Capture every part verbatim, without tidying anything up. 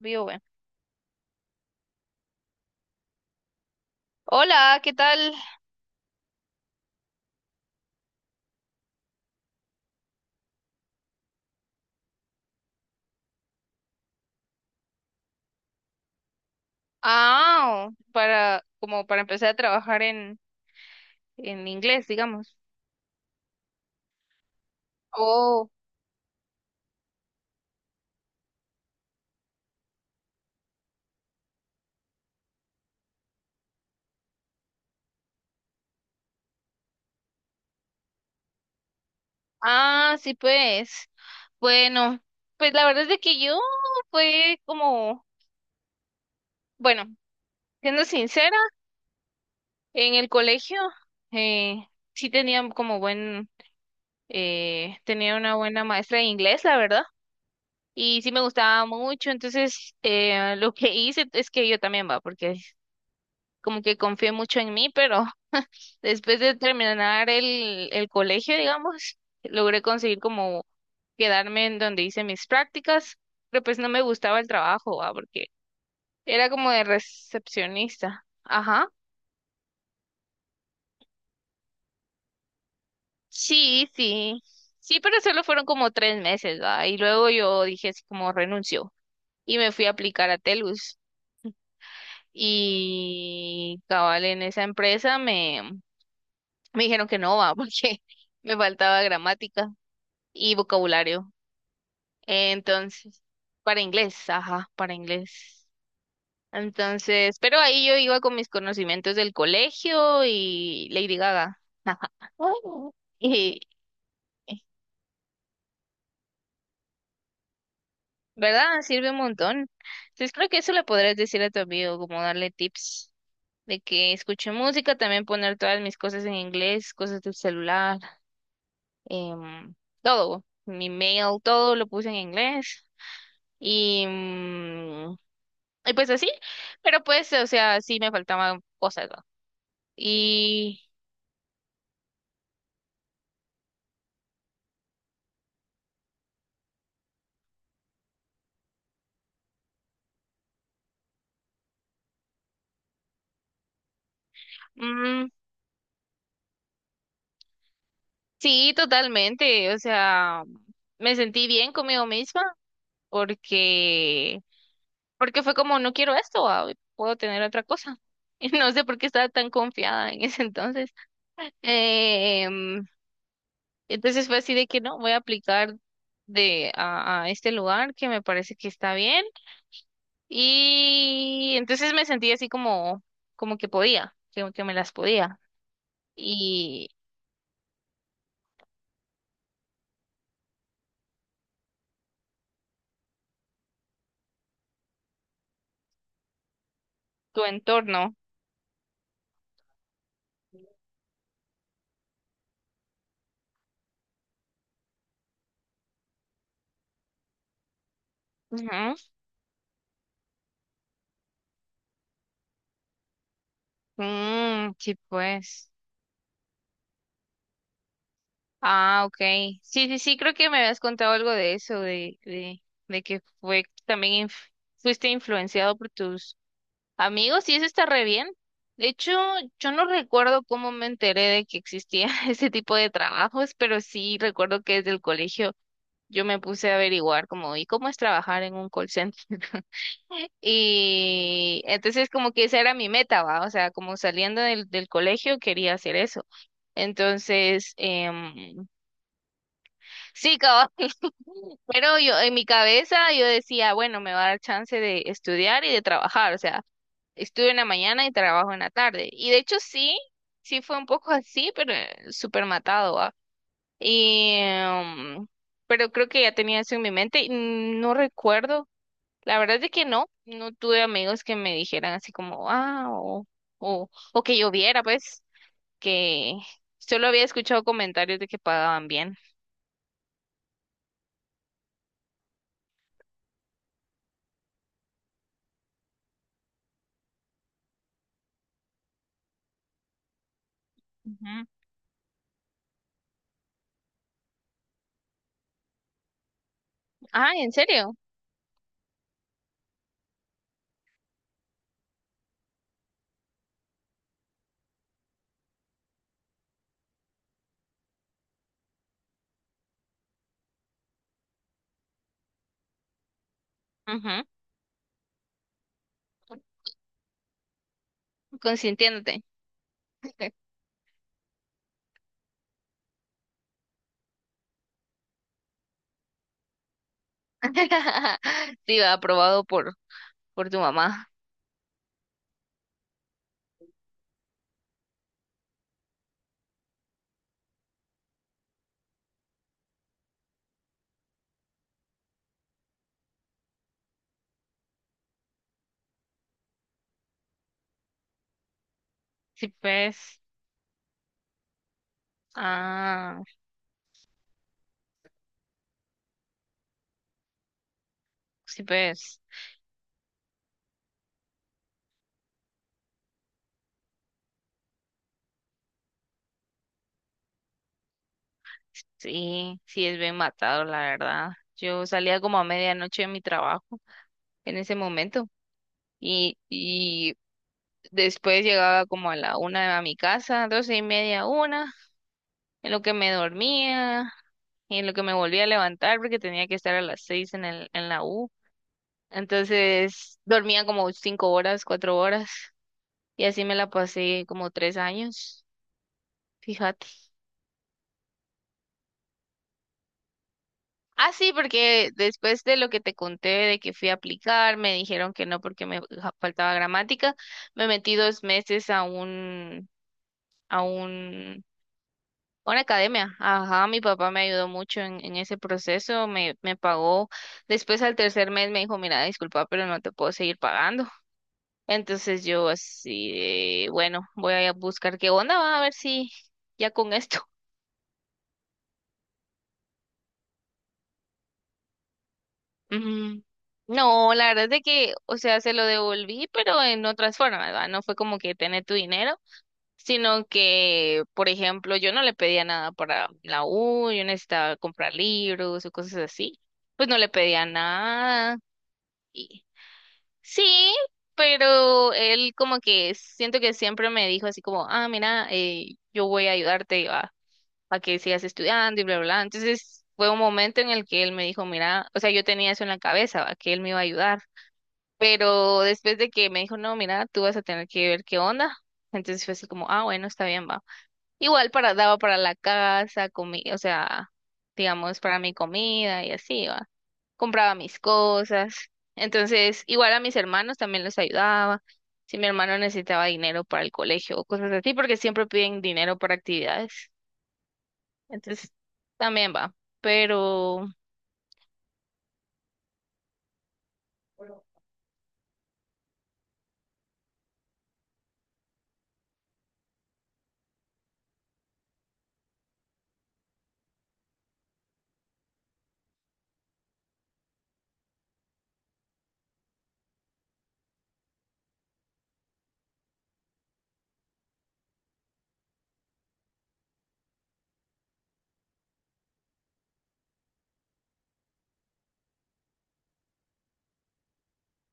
Vivo, bueno. Hola, ¿qué tal? Ah, para, como para empezar a trabajar en, en inglés, digamos. Oh. Ah, sí, pues. Bueno, pues la verdad es de que yo fue como, bueno, siendo sincera, en el colegio eh, sí tenía como buen, eh, tenía una buena maestra de inglés, la verdad, y sí me gustaba mucho. Entonces, eh, lo que hice es que yo también va, porque como que confié mucho en mí. Pero después de terminar el, el colegio, digamos, logré conseguir como quedarme en donde hice mis prácticas, pero pues no me gustaba el trabajo, ah, porque era como de recepcionista. Ajá. Sí, sí. Sí, pero solo fueron como tres meses, ¿va? Y luego yo dije así como renuncio y me fui a aplicar a Telus. Y cabal en esa empresa me, me dijeron que no, va, porque me faltaba gramática y vocabulario. Entonces, para inglés, ajá, para inglés. Entonces, pero ahí yo iba con mis conocimientos del colegio y Lady Gaga. Y, ¿verdad? Sirve un montón. Entonces, creo que eso le podrías decir a tu amigo, como darle tips de que escuche música, también poner todas mis cosas en inglés, cosas del celular, em, todo, mi mail, todo lo puse en inglés. Y mm, Y pues así, pero pues, o sea, sí me faltaban cosas, ¿no? Y mm, sí, totalmente, o sea, me sentí bien conmigo misma porque, porque, fue como, no quiero esto, ah, puedo tener otra cosa. Y no sé por qué estaba tan confiada en ese entonces. Em, entonces fue así de que no, voy a aplicar de a, a este lugar que me parece que está bien. Y entonces me sentí así como, como que podía, que, que me las podía. Y tu entorno. Ujú. Mm, sí, pues. Ah, ok. Sí, sí, sí, creo que me habías contado algo de eso, de, de, de que fue también inf- fuiste influenciado por tus amigos, y eso está re bien. De hecho, yo no recuerdo cómo me enteré de que existía ese tipo de trabajos, pero sí recuerdo que desde el colegio yo me puse a averiguar como, ¿y cómo es trabajar en un call center? Y entonces como que esa era mi meta, ¿va? O sea, como saliendo del, del colegio quería hacer eso. Entonces, em, sí, cabal, pero yo en mi cabeza yo decía, bueno, me va a dar chance de estudiar y de trabajar, o sea, estudio en la mañana y trabajo en la tarde. Y de hecho sí, sí fue un poco así, pero eh, súper matado, ¿va? Y, em, pero creo que ya tenía eso en mi mente, y no recuerdo. La verdad es que no, no tuve amigos que me dijeran así como, ah, o, o, o, que yo viera, pues, que solo había escuchado comentarios de que pagaban bien. Ujú. Ah, ¿en serio? Ujú. Consintiéndote. Sí, va, aprobado por, por tu mamá. Sí, pues, ah, sí, pues, sí, sí es bien matado, la verdad. Yo salía como a medianoche de mi trabajo en ese momento. Y, Después llegaba como a la una a mi casa, doce y media, una, en lo que me dormía y en lo que me volvía a levantar porque tenía que estar a las seis en el, en la U. Entonces dormía como cinco horas, cuatro horas, y así me la pasé como tres años, fíjate. Ah, sí, porque después de lo que te conté de que fui a aplicar, me dijeron que no porque me ja- faltaba gramática, me metí dos meses a un, a un Una academia, ajá. Mi papá me ayudó mucho en, en ese proceso, me, me pagó. Después al tercer mes me dijo, mira, disculpa, pero no te puedo seguir pagando. Entonces yo así, de, bueno, voy a buscar qué onda, va a ver si ya con esto. Ujú. No, la verdad es de que, o sea, se lo devolví, pero en otras formas, ¿verdad? No fue como que tener tu dinero, sino que, por ejemplo, yo no le pedía nada para la U, yo necesitaba comprar libros o cosas así, pues no le pedía nada. Y- sí, pero él como que siento que siempre me dijo así como, ah, mira, eh, yo voy a ayudarte a, a que sigas estudiando y bla, bla, bla. Entonces fue un momento en el que él me dijo, mira, o sea, yo tenía eso en la cabeza, ¿va? Que él me iba a ayudar. Pero después de que me dijo, no, mira, tú vas a tener que ver qué onda. Entonces fue así como, ah, bueno, está bien, va. Igual para, daba para la casa, comida, o sea, digamos, para mi comida y así, ¿va? Compraba mis cosas. Entonces, igual a mis hermanos también les ayudaba. Si mi hermano necesitaba dinero para el colegio o cosas así, porque siempre piden dinero para actividades. Entonces, también va. Pero,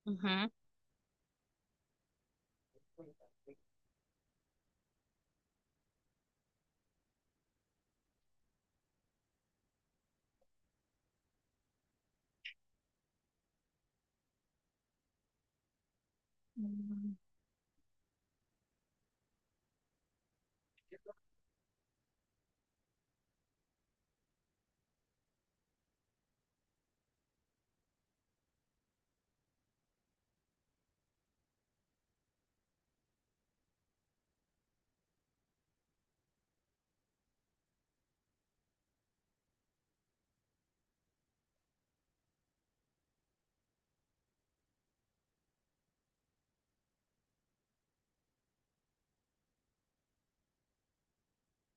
ujú. Mm.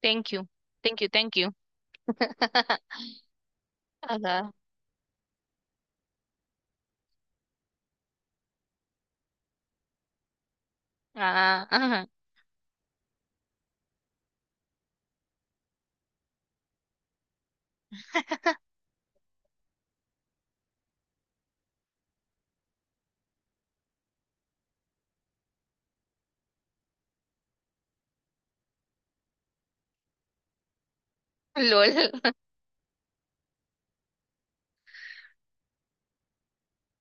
Thank you, thank you, thank you. Ajá. Ah, ajá. LOL.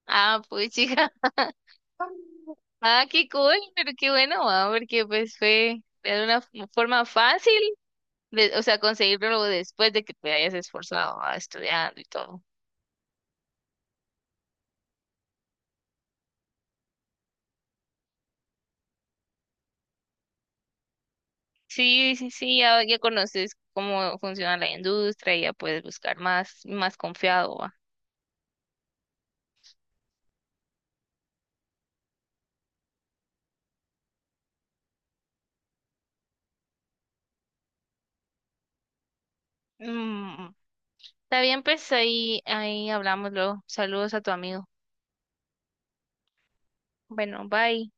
Ah, pues chica. Ah, qué cool, pero qué bueno, ah, porque pues fue de una f- forma fácil de- o sea, conseguirlo después de que te hayas esforzado ah, estudiando y todo. Sí, sí, sí, ya, ya conoces cómo funciona la industria y ya puedes buscar más, más confiado, va. Mm, está bien, pues ahí, ahí hablamos luego. Saludos a tu amigo. Bueno, bye.